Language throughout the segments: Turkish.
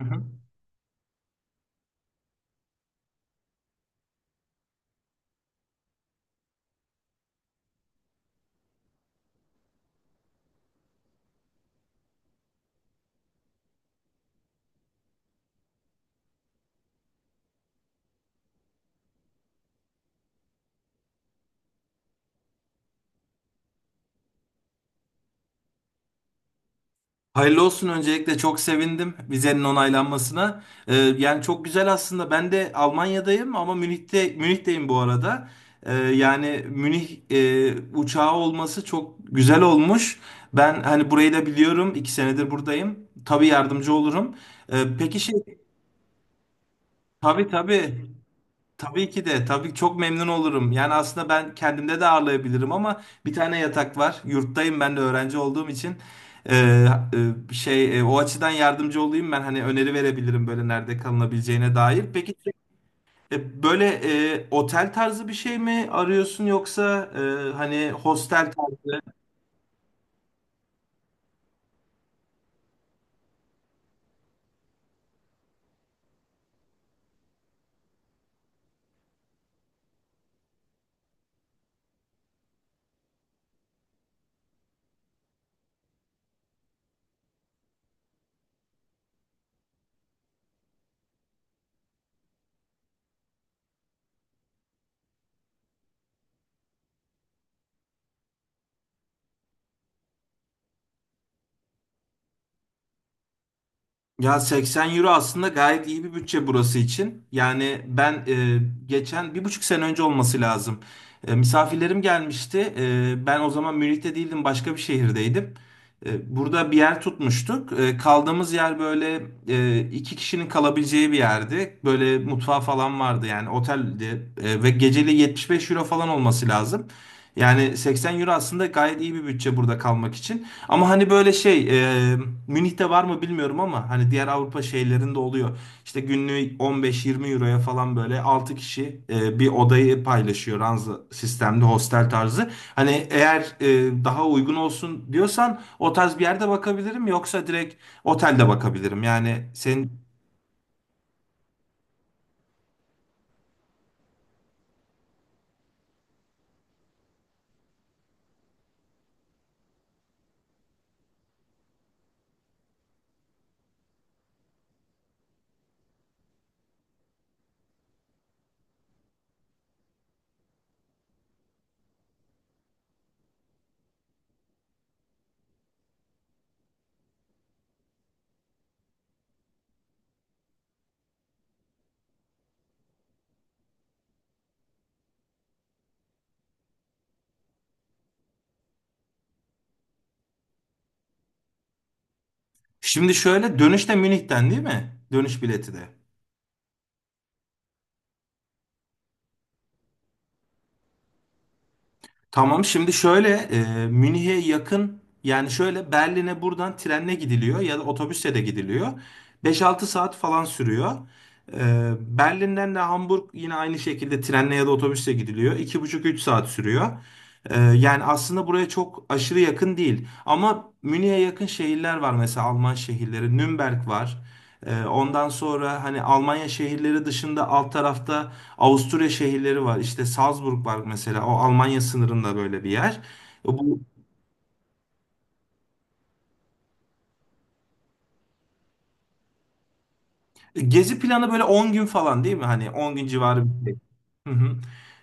Hı hı. Hayırlı olsun öncelikle, çok sevindim vizenin onaylanmasına. Yani çok güzel aslında. Ben de Almanya'dayım ama Münih'teyim bu arada. Yani Münih uçağı olması çok güzel olmuş. Ben hani burayı da biliyorum. 2 senedir buradayım. Tabii yardımcı olurum. Peki tabii, tabii ki de, tabii ki çok memnun olurum. Yani aslında ben kendimde de ağırlayabilirim ama bir tane yatak var. Yurttayım ben de, öğrenci olduğum için. Ee, O açıdan yardımcı olayım, ben hani öneri verebilirim böyle nerede kalınabileceğine dair. Peki, böyle otel tarzı bir şey mi arıyorsun, yoksa hani hostel? Ya, 80 euro aslında gayet iyi bir bütçe burası için. Yani ben geçen 1,5 sene önce olması lazım, misafirlerim gelmişti. Ben o zaman Münih'te değildim, başka bir şehirdeydim. Burada bir yer tutmuştuk. Kaldığımız yer böyle iki kişinin kalabileceği bir yerdi. Böyle mutfağı falan vardı, yani oteldi. Ve geceli 75 euro falan olması lazım. Yani 80 euro aslında gayet iyi bir bütçe burada kalmak için. Ama hani böyle e, Münih'te var mı bilmiyorum ama hani diğer Avrupa şehirlerinde oluyor. İşte günlüğü 15-20 euroya falan, böyle 6 kişi bir odayı paylaşıyor, ranza sistemli hostel tarzı. Hani eğer daha uygun olsun diyorsan, o tarz bir yerde bakabilirim, yoksa direkt otelde bakabilirim. Yani senin, şimdi şöyle, dönüşte Münih'ten değil mi? Dönüş bileti de. Tamam, şimdi şöyle, Münih'e yakın, yani şöyle Berlin'e buradan trenle gidiliyor ya da otobüsle de gidiliyor. 5-6 saat falan sürüyor. Berlin'den de Hamburg yine aynı şekilde trenle ya da otobüsle gidiliyor. 2,5-3 saat sürüyor. Yani aslında buraya çok aşırı yakın değil. Ama Münih'e yakın şehirler var, mesela Alman şehirleri. Nürnberg var. Ondan sonra hani Almanya şehirleri dışında alt tarafta Avusturya şehirleri var. İşte Salzburg var mesela. O Almanya sınırında böyle bir yer. Bu Gezi planı böyle 10 gün falan değil mi? Hani 10 gün civarı bir şey. Hı hı.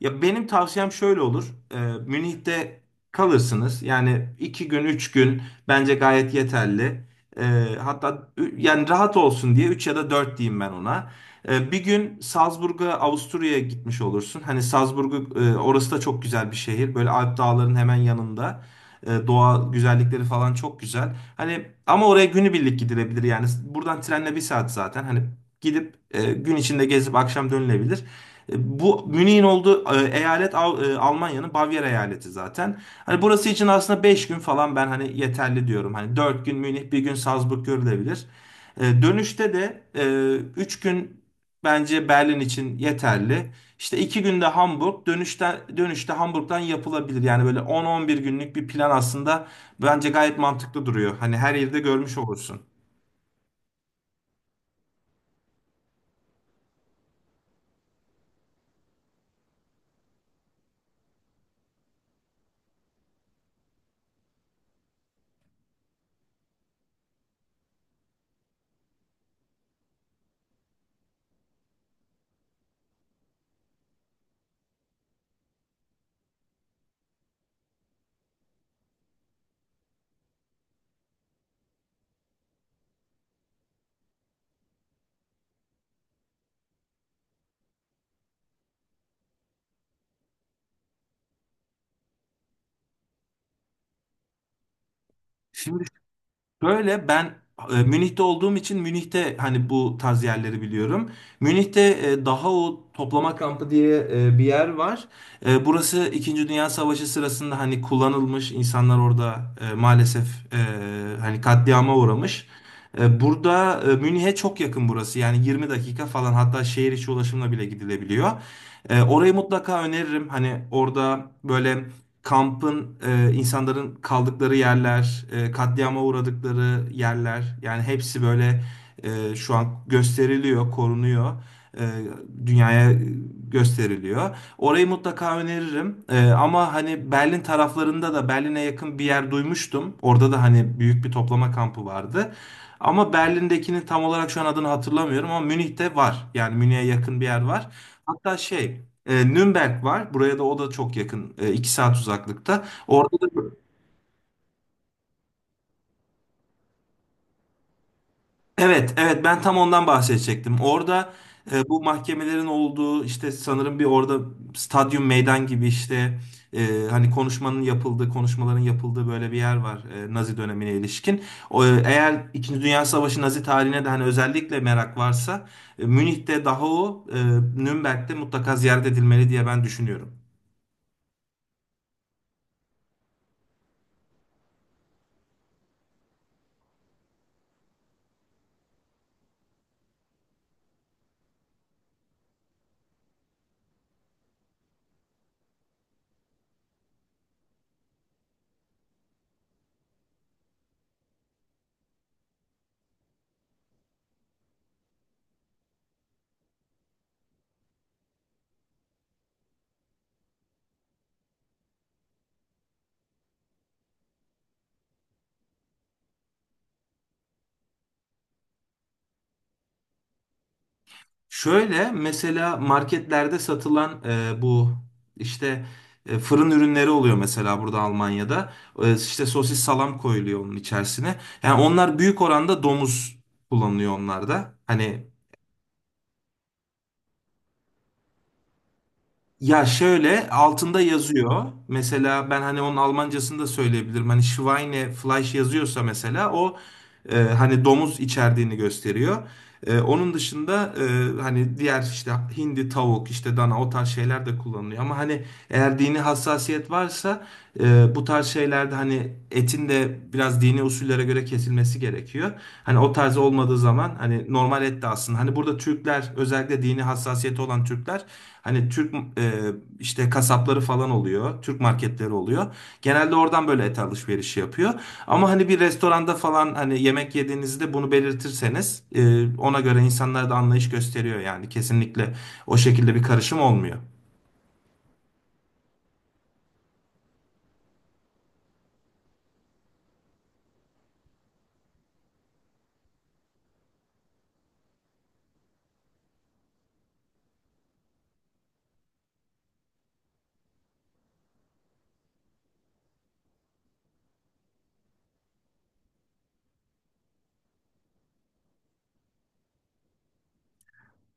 Ya benim tavsiyem şöyle olur. Ee, Münih'te kalırsınız. Yani 2 gün 3 gün bence gayet yeterli. Hatta yani rahat olsun diye 3 ya da 4 diyeyim ben ona. 1 gün Salzburg'a, Avusturya'ya gitmiş olursun. Hani Salzburg'u, orası da çok güzel bir şehir. Böyle Alp dağların hemen yanında. Doğa güzellikleri falan çok güzel. Hani ama oraya günübirlik gidilebilir yani. Buradan trenle 1 saat zaten. Hani gidip gün içinde gezip akşam dönülebilir. Bu Münih'in olduğu eyalet, Almanya'nın Bavyera eyaleti zaten. Hani burası için aslında 5 gün falan ben hani yeterli diyorum. Hani 4 gün Münih, 1 gün Salzburg görülebilir. Dönüşte de 3 gün bence Berlin için yeterli. İşte 2 günde Hamburg, dönüşte Hamburg'dan yapılabilir. Yani böyle 10-11 günlük bir plan aslında bence gayet mantıklı duruyor. Hani her yerde görmüş olursun. Böyle ben Münih'te olduğum için Münih'te hani bu tarz yerleri biliyorum. Münih'te daha o toplama kampı diye bir yer var. Burası İkinci Dünya Savaşı sırasında hani kullanılmış, insanlar orada maalesef e, hani katliama uğramış. Burada Münih'e çok yakın burası, yani 20 dakika falan, hatta şehir içi ulaşımla bile gidilebiliyor. Orayı mutlaka öneririm. Hani orada böyle kampın, insanların kaldıkları yerler, katliama uğradıkları yerler, yani hepsi böyle şu an gösteriliyor, korunuyor. E, Dünyaya gösteriliyor. Orayı mutlaka öneririm. Ama hani Berlin taraflarında da, Berlin'e yakın bir yer duymuştum. Orada da hani büyük bir toplama kampı vardı. Ama Berlin'dekinin tam olarak şu an adını hatırlamıyorum, ama Münih'te var. Yani Münih'e yakın bir yer var. Hatta Nürnberg var. Buraya da, o da çok yakın. 2 saat uzaklıkta. Orada da evet, evet, ben tam ondan bahsedecektim. Orada bu mahkemelerin olduğu, işte sanırım bir orada stadyum meydan gibi, işte hani konuşmanın yapıldığı konuşmaların yapıldığı böyle bir yer var, Nazi dönemine ilişkin. Eğer İkinci Dünya Savaşı, Nazi tarihine de hani özellikle merak varsa, Münih'te Dachau, Nürnberg'de mutlaka ziyaret edilmeli diye ben düşünüyorum. Şöyle, mesela marketlerde satılan bu işte fırın ürünleri oluyor mesela burada Almanya'da. İşte sosis salam koyuluyor onun içerisine. Yani onlar büyük oranda domuz kullanılıyor onlarda. Hani, ya şöyle altında yazıyor. Mesela ben hani onun Almancasını da söyleyebilirim. Hani Schweine Fleisch yazıyorsa mesela o, hani domuz içerdiğini gösteriyor. Onun dışında, hani diğer işte hindi, tavuk, işte dana, o tarz şeyler de kullanılıyor. Ama hani eğer dini hassasiyet varsa, bu tarz şeylerde hani etin de biraz dini usullere göre kesilmesi gerekiyor. Hani o tarz olmadığı zaman hani normal et de aslında. Hani burada Türkler, özellikle dini hassasiyeti olan Türkler, hani Türk işte kasapları falan oluyor. Türk marketleri oluyor. Genelde oradan böyle et alışverişi yapıyor. Ama hani bir restoranda falan hani yemek yediğinizde bunu belirtirseniz, ona göre insanlar da anlayış gösteriyor yani. Kesinlikle o şekilde bir karışım olmuyor.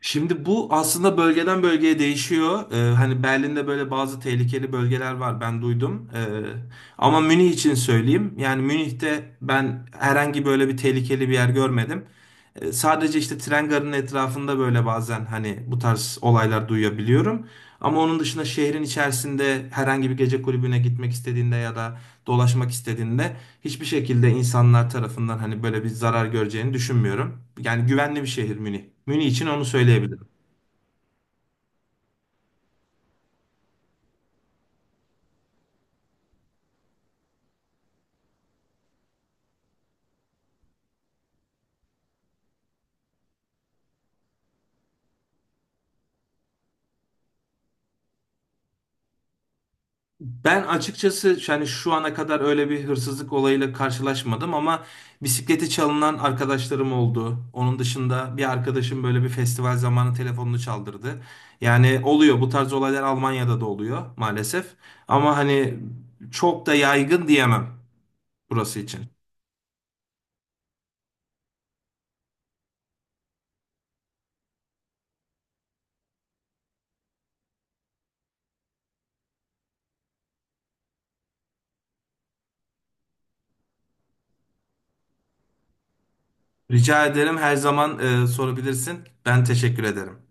Şimdi bu aslında bölgeden bölgeye değişiyor. Hani Berlin'de böyle bazı tehlikeli bölgeler var, ben duydum. Ama Münih için söyleyeyim. Yani Münih'te ben herhangi böyle bir tehlikeli bir yer görmedim. Sadece işte tren garının etrafında böyle bazen hani bu tarz olaylar duyabiliyorum. Ama onun dışında şehrin içerisinde herhangi bir gece kulübüne gitmek istediğinde ya da dolaşmak istediğinde, hiçbir şekilde insanlar tarafından hani böyle bir zarar göreceğini düşünmüyorum. Yani güvenli bir şehir Münih. Münih için onu söyleyebilirim. Ben açıkçası yani şu ana kadar öyle bir hırsızlık olayıyla karşılaşmadım, ama bisikleti çalınan arkadaşlarım oldu. Onun dışında bir arkadaşım böyle bir festival zamanı telefonunu çaldırdı. Yani oluyor, bu tarz olaylar Almanya'da da oluyor maalesef. Ama hani çok da yaygın diyemem burası için. Rica ederim, her zaman sorabilirsin. Ben teşekkür ederim.